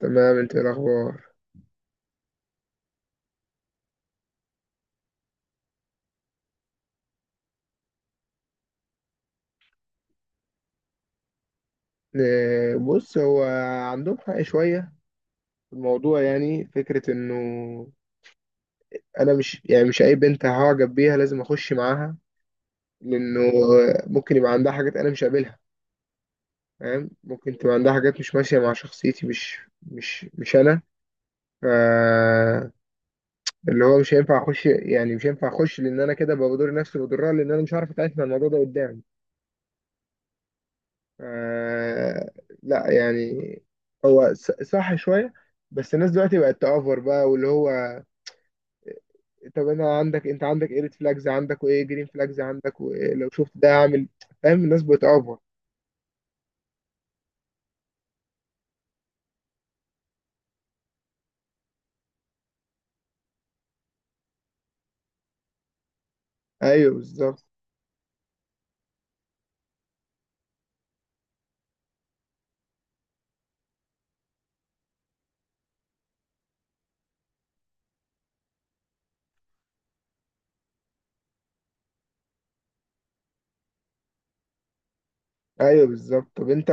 تمام، انت ايه الاخبار؟ بص، هو عندهم حق شويه في الموضوع. يعني فكره انه انا، مش اي بنت هعجب بيها لازم اخش معاها. لانه ممكن يبقى عندها حاجات انا مش قابلها. فاهم؟ ممكن تبقى عندها حاجات مش ماشيه مع شخصيتي. مش انا. ف اللي هو مش هينفع اخش. يعني مش هينفع اخش، لان انا كده بضر نفسي وبضرها، لان انا مش عارف اتعامل مع الموضوع ده قدام. آه. لا يعني، هو صح شوية، بس الناس دلوقتي بقت تأفور بقى، واللي هو طب انا عندك، انت عندك ايه ريد فلاجز عندك؟ وايه جرين فلاجز عندك؟ ولو شفت ده اعمل. فاهم؟ الناس بتأفور. ايوه بالظبط. ايوه بالظبط. طب انت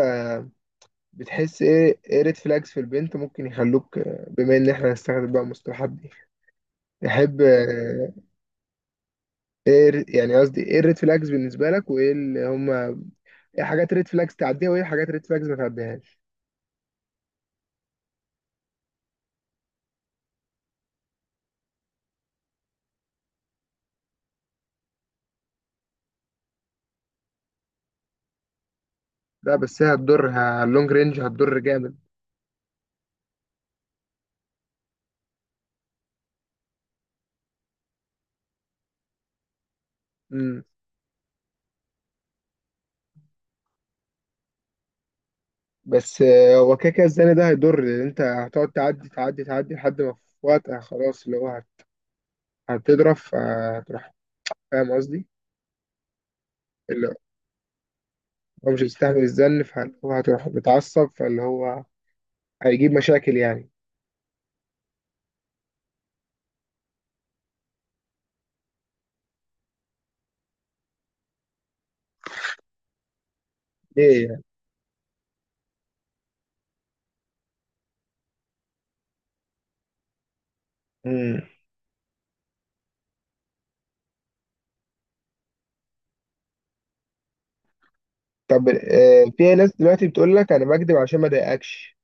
بتحس ايه ريد فلاجز في البنت ممكن يخلوك بما ان احنا هنستخدم بقى المصطلحات دي؟ تحب ايه يعني قصدي ايه الريد فلاجز بالنسبة لك؟ وايه اللي هما ايه حاجات ريد فلاجز تعديها، وايه حاجات ريد فلاجز ما تعديهاش؟ لا، بس هي هتضر. اللونج رينج هتضر جامد. امم. بس هو كده كده الزن ده هيضر. لان انت هتقعد تعدي تعدي تعدي لحد ما في وقت خلاص اللي هو هتضرب فهتروح. فاهم قصدي؟ اللي هو مش هيستحمل الزن، فهو هتروح متعصب، فاللي هو هيجيب مشاكل يعني. ليه يعني؟ امم. طب في ناس دلوقتي بتقول لك انا بكدب عشان ما اضايقكش.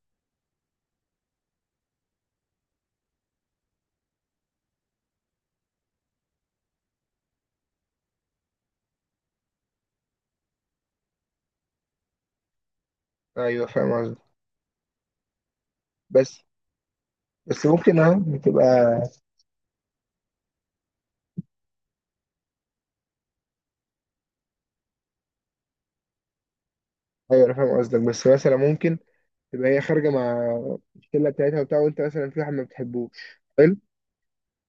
ايوه فاهم قصدي. بس بس ممكن، اه، بتبقى. ايوه انا فاهم قصدك، بس مثلا ممكن تبقى هي خارجه مع الشله بتاعتها وبتاع، وانت مثلا في واحد ما بتحبوش. حلو.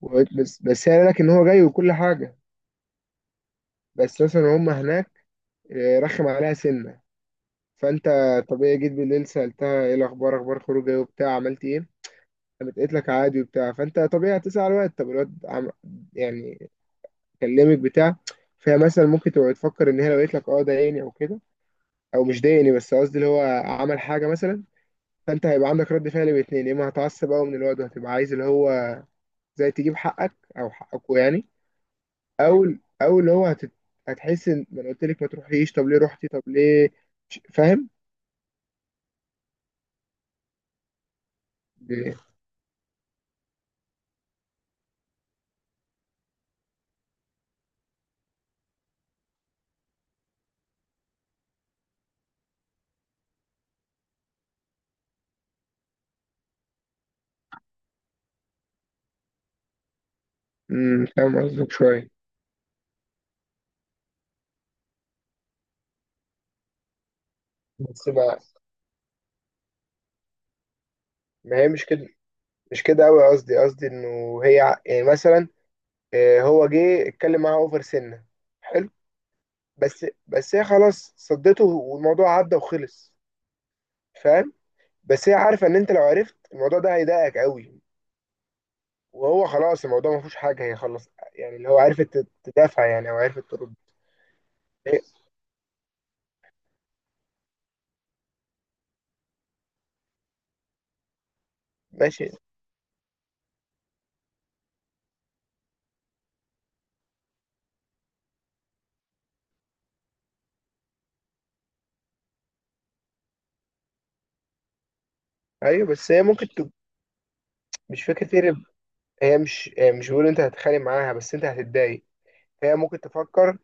وقلت بس هي قال لك ان هو جاي وكل حاجه. بس مثلا هم هناك رخم عليها سنه. فانت طبيعي جيت بالليل، سالتها ايه الاخبار؟ اخبار خروجه ايه وبتاع؟ عملت ايه؟ قامت قالت لك عادي وبتاع. فانت طبيعي هتسال الواد. طب الواد يعني كلمك بتاع فهي مثلا ممكن تبقى تفكر ان هي لو قالت لك اه ضايقني او كده، او مش ضايقني، بس قصدي اللي هو عمل حاجه مثلا، فانت هيبقى عندك رد فعل باتنين. يا اما هتعصب قوي من الواد وهتبقى عايز اللي هو زي تجيب حقك او حقكوا يعني، او او اللي هو هتحس ان ما انا قلت لك ما تروحيش، طب ليه رحتي؟ طب ليه؟ فاهم؟ ليه؟ امم. فاهم قصدك شويه. بس ما هي مش كده. مش كده قوي. قصدي انه هي يعني مثلا هو جه اتكلم معاها اوفر سنه. حلو. بس هي خلاص صدته، والموضوع عدى وخلص. فاهم؟ بس هي عارفه ان انت لو عرفت الموضوع ده هيضايقك قوي. وهو خلاص الموضوع ما فيهوش حاجه، هي خلص، يعني اللي هو عرفت تدافع يعني، او عرفت ترد. هي- ماشي. ايوه، بس هي مش فكرة هرب. هي مش، هي مش بيقول انت هتتخانق معاها، بس انت هتتضايق. هي ممكن تفكر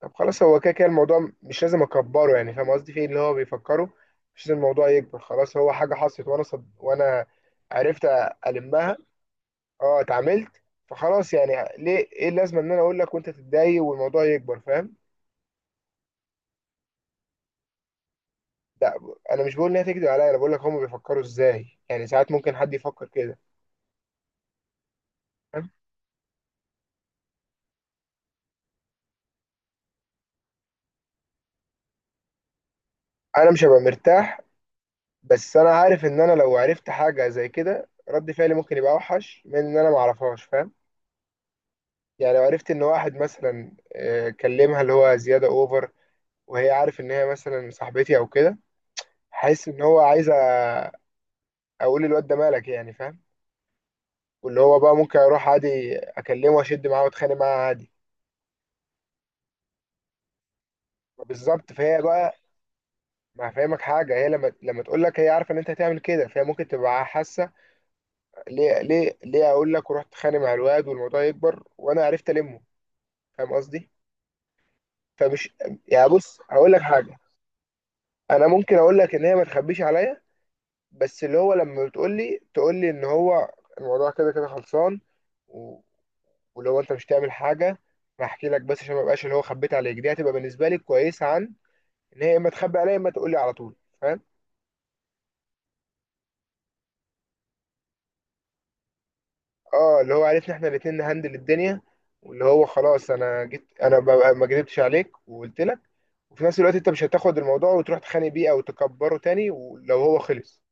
طب خلاص، هو كده كده الموضوع مش لازم اكبره. يعني فاهم قصدي في اللي هو بيفكره؟ مش لازم الموضوع يكبر. خلاص، هو حاجة حصلت وانا عرفت ألمها. اه، اتعاملت. فخلاص، يعني ليه؟ ايه اللازمة ان انا اقول لك وانت تتضايق والموضوع يكبر؟ فاهم؟ لا، انا مش بقول ان هي تكذب عليا، انا بقول لك هم بيفكروا ازاي يعني. ساعات ممكن حد يفكر كده. فاهم؟ انا مش هبقى مرتاح، بس انا عارف ان انا لو عرفت حاجه زي كده رد فعلي ممكن يبقى اوحش من ان انا ما اعرفهاش. فاهم؟ يعني لو عرفت ان واحد مثلا كلمها اللي هو زياده اوفر، وهي عارف ان هي مثلا صاحبتي او كده، حاسس ان هو عايز اقول الواد ده مالك يعني. فاهم؟ واللي هو بقى ممكن اروح عادي اكلمه واشد معاه واتخانق معاه عادي. بالظبط. فهي بقى ما هفهمك حاجه. هي لما تقول لك، هي عارفه ان انت هتعمل كده، فهي ممكن تبقى حاسه ليه اقول لك ورحت اتخانق مع الواد والموضوع يكبر وانا عرفت المه. فاهم قصدي؟ فمش يعني، بص هقول لك حاجه. انا ممكن اقول لك ان هي ما تخبيش عليا، بس اللي هو لما بتقول لي، تقول لي ان هو الموضوع كده كده خلصان و... ولو انت مش تعمل حاجه، انا هحكي لك، بس عشان ما بقاش اللي هو خبيت عليك. دي هتبقى بالنسبه لي كويسه عن ان هي اما تخبي عليا، اما تقول لي على طول. فاهم؟ اه، اللي هو عرفنا احنا الاتنين نهندل الدنيا. واللي هو خلاص، انا جيت انا ببقى ما كدبتش عليك وقلت لك، وفي نفس الوقت انت مش هتاخد الموضوع وتروح تخانق بيه او تكبره تاني ولو هو خلص.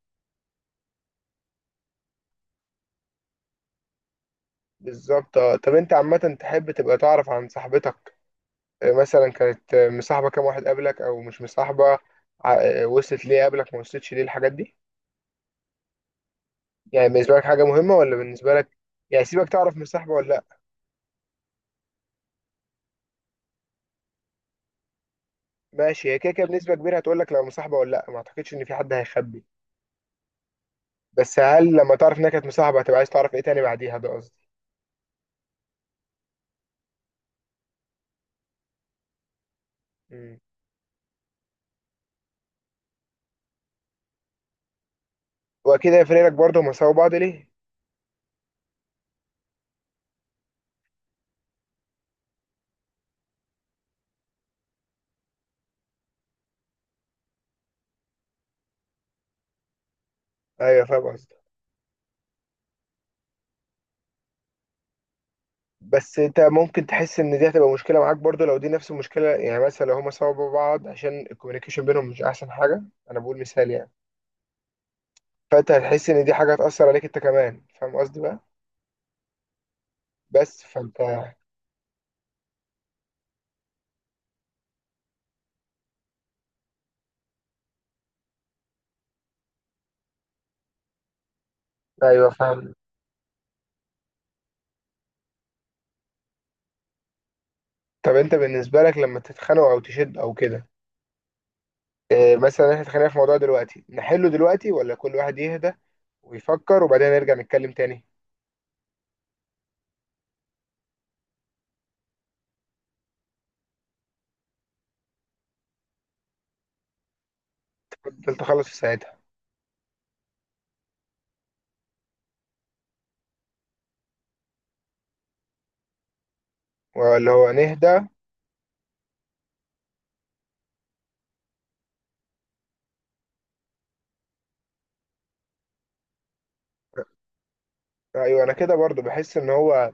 بالظبط. اه، طب انت عامة تحب تبقى تعرف عن صاحبتك، مثلا كانت مصاحبة كام واحد قبلك او مش مصاحبة؟ وصلت ليه قبلك؟ ما وصلتش ليه؟ الحاجات دي يعني بالنسبة لك حاجة مهمة؟ ولا بالنسبة لك يعني سيبك، تعرف مصاحبة ولا لا؟ ماشي. هي كده كده بنسبة كبيرة هتقول لك لو مصاحبة ولا لا. ما اعتقدش ان في حد هيخبي. بس هل لما تعرف انها كانت مصاحبة، هتبقى عايز تعرف ايه تاني بعديها؟ ده قصدي. مم. واكيد هيفرق لك برضه هما سابوا بعض ليه. ايوه فاهم قصدي. بس انت ممكن تحس ان دي هتبقى مشكله معاك برضو لو دي نفس المشكله. يعني مثلا لو هما سوا بعض عشان الكوميونيكيشن بينهم مش احسن حاجه. انا بقول مثال يعني. فانت هتحس ان دي حاجه هتاثر عليك انت كمان. فاهم قصدي بقى؟ بس فانت ايوه فاهم. طب انت بالنسبه لك لما تتخانقوا او تشد او كده، اه مثلا احنا اتخانقنا في موضوع دلوقتي، نحله دلوقتي ولا كل واحد يهدى ويفكر وبعدين نرجع نتكلم تاني؟ فضلت اخلص في ساعتها ولا هو نهدى؟ ايوه، انا كده برضو بحس ان هو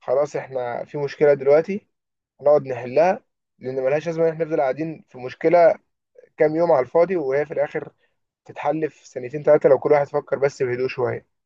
خلاص احنا في مشكله دلوقتي، نقعد نحلها. لان ملهاش لازمه ان احنا نفضل قاعدين في مشكله كام يوم على الفاضي، وهي في الاخر تتحل في سنتين ثلاثه لو كل واحد فكر بس بهدوء شويه.